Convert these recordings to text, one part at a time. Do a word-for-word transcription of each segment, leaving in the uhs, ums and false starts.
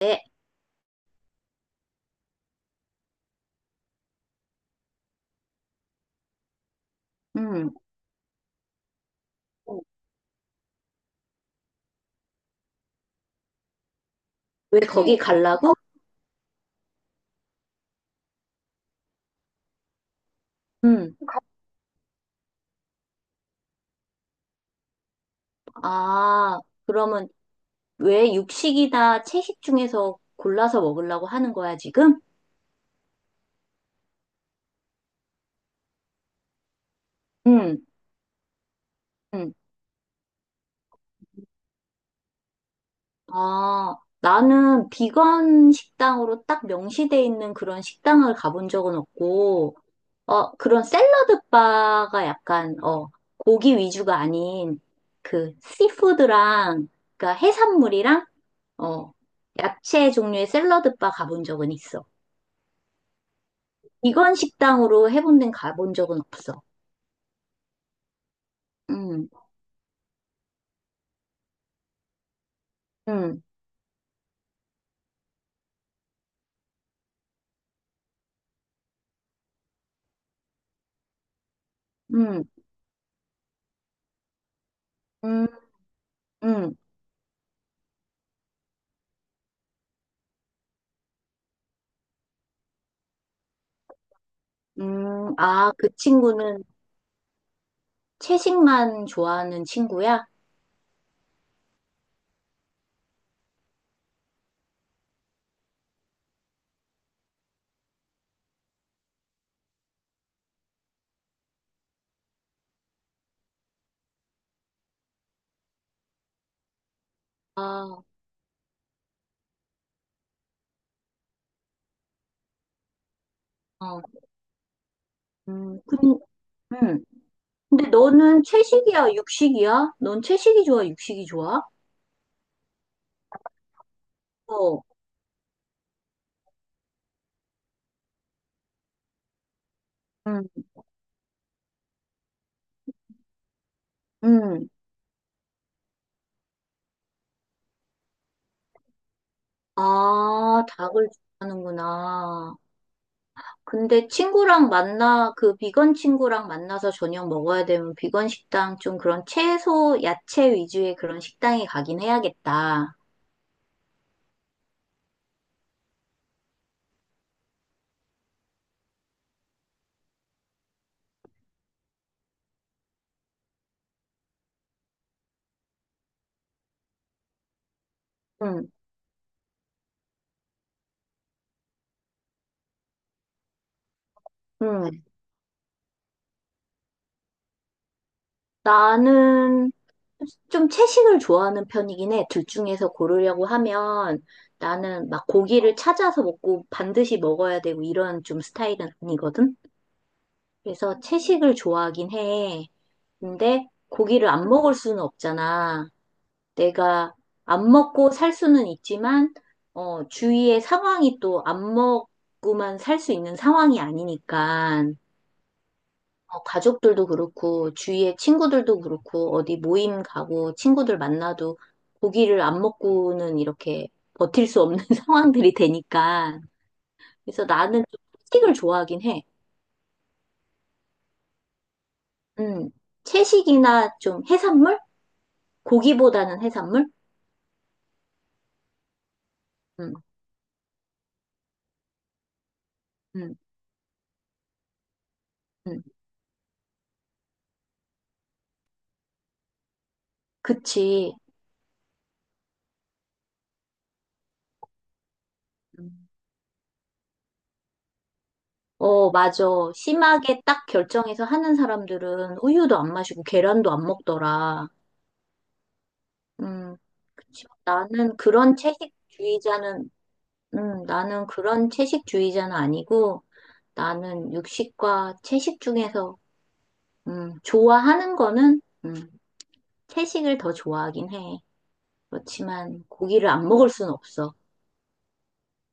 네. 음. 왜 거기 가려 갈라고? 음. 아, 그러면 왜 육식이나 채식 중에서 골라서 먹으려고 하는 거야, 지금? 음. 음. 아, 나는 비건 식당으로 딱 명시돼 있는 그런 식당을 가본 적은 없고, 어, 그런 샐러드 바가 약간, 어, 고기 위주가 아닌 그 씨푸드랑, 그러니까 해산물이랑, 어, 야채 종류의 샐러드 바 가본 적은 있어. 비건 식당으로 해본 데는 가본 적은 없어. 음, 음, 음, 음, 음, 음. 아, 그 친구는 채식만 좋아하는 친구야? 아, 어, 음, 근, 음. 근데 너는 채식이야, 육식이야? 넌 채식이 좋아, 육식이 좋아? 어, 음, 음. 아, 닭을 좋아하는구나. 근데 친구랑 만나, 그 비건 친구랑 만나서 저녁 먹어야 되면 비건 식당 좀 그런 채소, 야채 위주의 그런 식당에 가긴 해야겠다. 응, 응. 나는 좀 채식을 좋아하는 편이긴 해. 둘 중에서 고르려고 하면 나는 막 고기를 찾아서 먹고 반드시 먹어야 되고 이런 좀 스타일은 아니거든? 그래서 채식을 좋아하긴 해. 근데 고기를 안 먹을 수는 없잖아. 내가 안 먹고 살 수는 있지만, 어, 주위의 상황이 또 안 먹고만 살 수 있는 상황이 아니니까, 어, 가족들도 그렇고, 주위의 친구들도 그렇고, 어디 모임 가고, 친구들 만나도 고기를 안 먹고는 이렇게 버틸 수 없는 상황들이 되니까. 그래서 나는 좀 채식을 좋아하긴 해. 음, 채식이나 좀 해산물? 고기보다는 해산물? 음, 음, 음. 그치. 음. 어, 맞아. 심하게 딱 결정해서 하는 사람들은 우유도 안 마시고 계란도 안 먹더라. 음, 그치. 나는 그런 채식주의자는, 음, 나는 그런 채식주의자는 아니고, 나는 육식과 채식 중에서, 음, 좋아하는 거는, 음, 채식을 더 좋아하긴 해. 그렇지만 고기를 안 먹을 순 없어.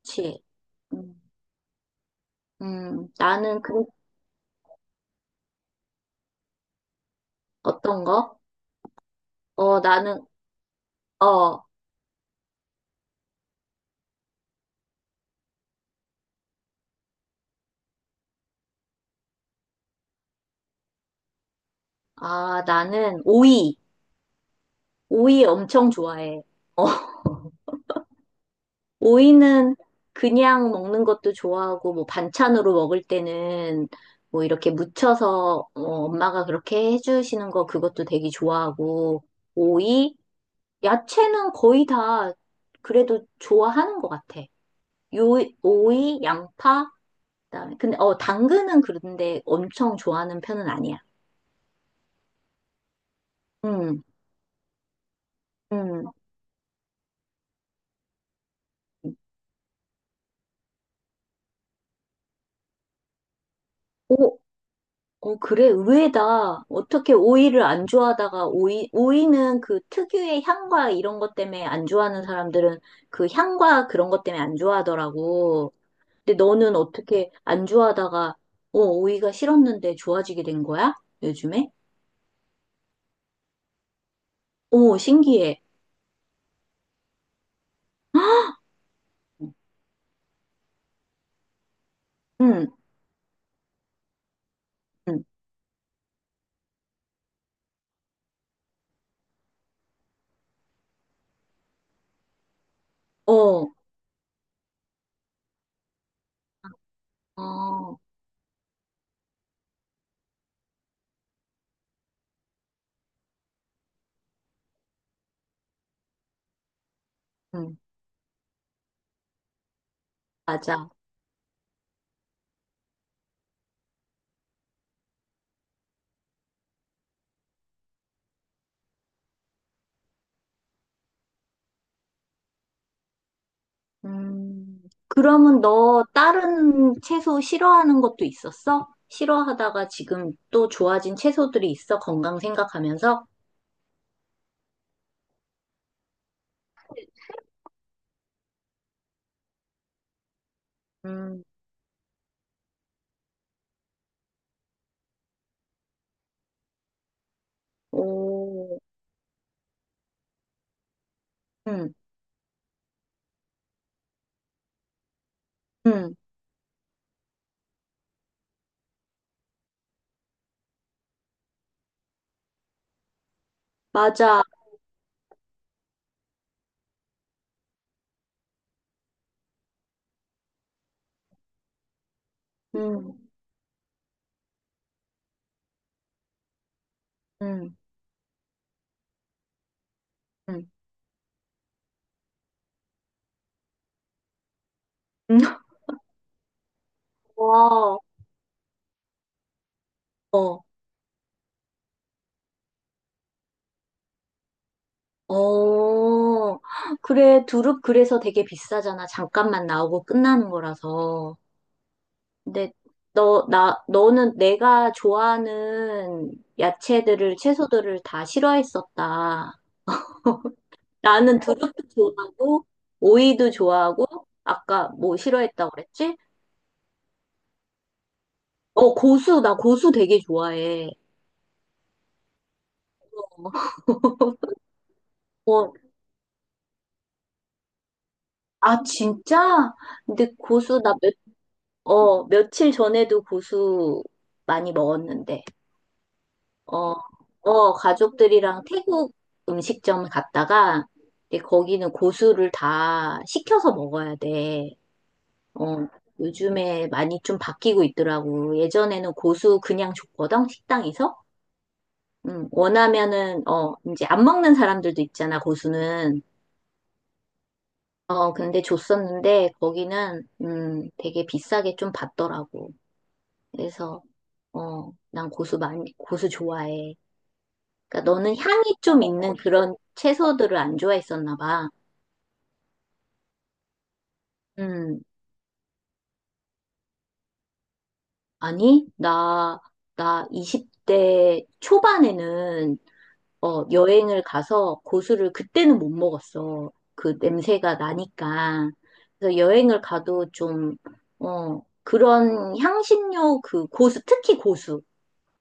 그치. 음, 음, 나는 그, 어떤 거? 어, 나는, 어, 아, 나는 오이. 오이 엄청 좋아해. 어, 오이는 그냥 먹는 것도 좋아하고, 뭐 반찬으로 먹을 때는 뭐 이렇게 무쳐서 어, 엄마가 그렇게 해주시는 거 그것도 되게 좋아하고, 오이, 야채는 거의 다 그래도 좋아하는 것 같아. 요, 오이, 양파, 그다음에 근데 어 당근은 그런데 엄청 좋아하는 편은 아니야. 음, 음. 어, 그래, 의외다. 어떻게 오이를 안 좋아하다가 오이, 오이는 그 특유의 향과 이런 것 때문에 안 좋아하는 사람들은 그 향과 그런 것 때문에 안 좋아하더라고. 근데 너는 어떻게 안 좋아하다가, 어, 오이가 싫었는데 좋아지게 된 거야? 요즘에? 오, 신기해. 응, 응, 응. 어, 어, 응, 맞아. 음, 그러면 너 다른 채소 싫어하는 것도 있었어? 싫어하다가 지금 또 좋아진 채소들이 있어? 건강 생각하면서? 음, 오, 음, 음, 맞아. 음, 음, 음, 음. 와, 어, 어. 그래, 두릅 그래서 되게 비싸잖아. 잠깐만 나오고 끝나는 거라서. 근데 너, 나, 너는 내가 좋아하는 야채들을, 채소들을 다 싫어했었다. 나는 두릅도 좋아하고, 오이도 좋아하고, 아까 뭐 싫어했다고 그랬지? 어, 고수, 나 고수 되게 좋아해. 어, 아, 진짜? 근데 고수, 나 몇, 어, 며칠 전에도 고수 많이 먹었는데. 어, 어, 가족들이랑 태국 음식점 갔다가, 근데 거기는 고수를 다 시켜서 먹어야 돼. 어, 요즘에 많이 좀 바뀌고 있더라고. 예전에는 고수 그냥 줬거든, 식당에서. 음, 원하면은, 어, 이제 안 먹는 사람들도 있잖아, 고수는. 어, 근데 줬었는데, 거기는, 음, 되게 비싸게 좀 받더라고. 그래서, 어, 난 고수 많이, 고수 좋아해. 그러니까 너는 향이 좀 있는 그런 채소들을 안 좋아했었나 봐. 음, 아니, 나, 나 이십 대 초반에는 어, 여행을 가서 고수를 그때는 못 먹었어. 그 냄새가 나니까. 그래서 여행을 가도 좀, 어, 그런 향신료 그 고수, 특히 고수.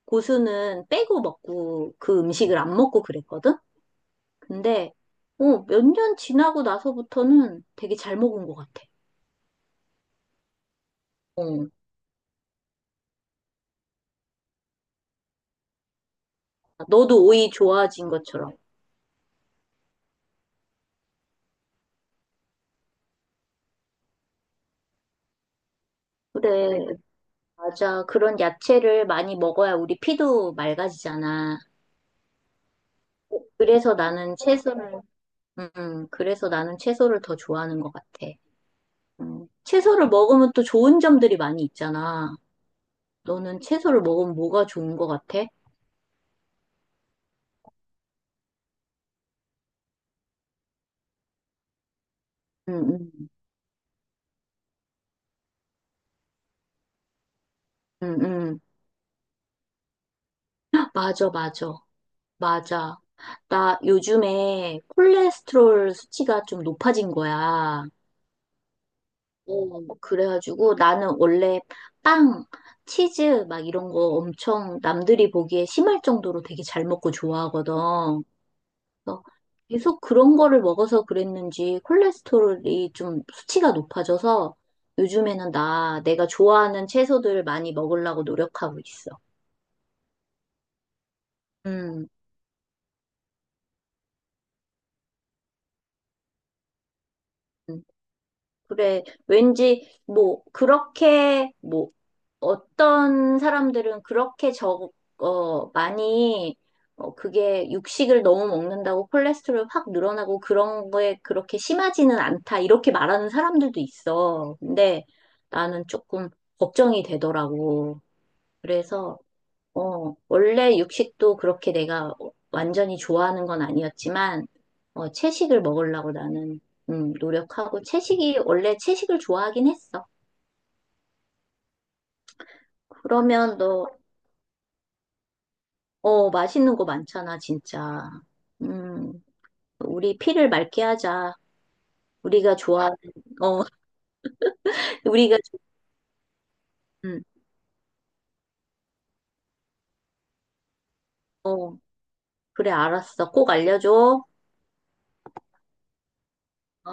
고수는 빼고 먹고 그 음식을 안 먹고 그랬거든? 근데, 어, 몇 년 지나고 나서부터는 되게 잘 먹은 것 같아. 어. 너도 오이 좋아진 것처럼. 네. 그래, 맞아. 그런 야채를 많이 먹어야 우리 피도 맑아지잖아. 그래서 나는 채소를, 음, 음, 그래서 나는 채소를 더 좋아하는 것 같아. 음, 채소를 먹으면 또 좋은 점들이 많이 있잖아. 너는 채소를 먹으면 뭐가 좋은 것 같아? 응 응. 응 응. 응. 맞아, 맞아. 맞아. 나 요즘에 콜레스테롤 수치가 좀 높아진 거야. 어, 그래가지고 나는 원래 빵, 치즈 막 이런 거 엄청 남들이 보기에 심할 정도로 되게 잘 먹고 좋아하거든. 그래서 계속 그런 거를 먹어서 그랬는지 콜레스테롤이 좀 수치가 높아져서 요즘에는 나 내가 좋아하는 채소들 많이 먹으려고 노력하고 있어. 음. 음. 그래, 왠지, 뭐, 그렇게, 뭐, 어떤 사람들은 그렇게 저 어, 많이, 어, 그게 육식을 너무 먹는다고 콜레스테롤 확 늘어나고 그런 거에 그렇게 심하지는 않다, 이렇게 말하는 사람들도 있어. 근데 나는 조금 걱정이 되더라고. 그래서, 어, 원래 육식도 그렇게 내가 완전히 좋아하는 건 아니었지만, 어, 채식을 먹으려고 나는, 음, 노력하고, 채식이, 원래 채식을 좋아하긴 했어. 그러면 너, 어, 맛있는 거 많잖아, 진짜. 음, 우리 피를 맑게 하자. 우리가 좋아하는, 어, 우리가, 좋- 음, 어, 그래, 알았어. 꼭 알려줘. 어.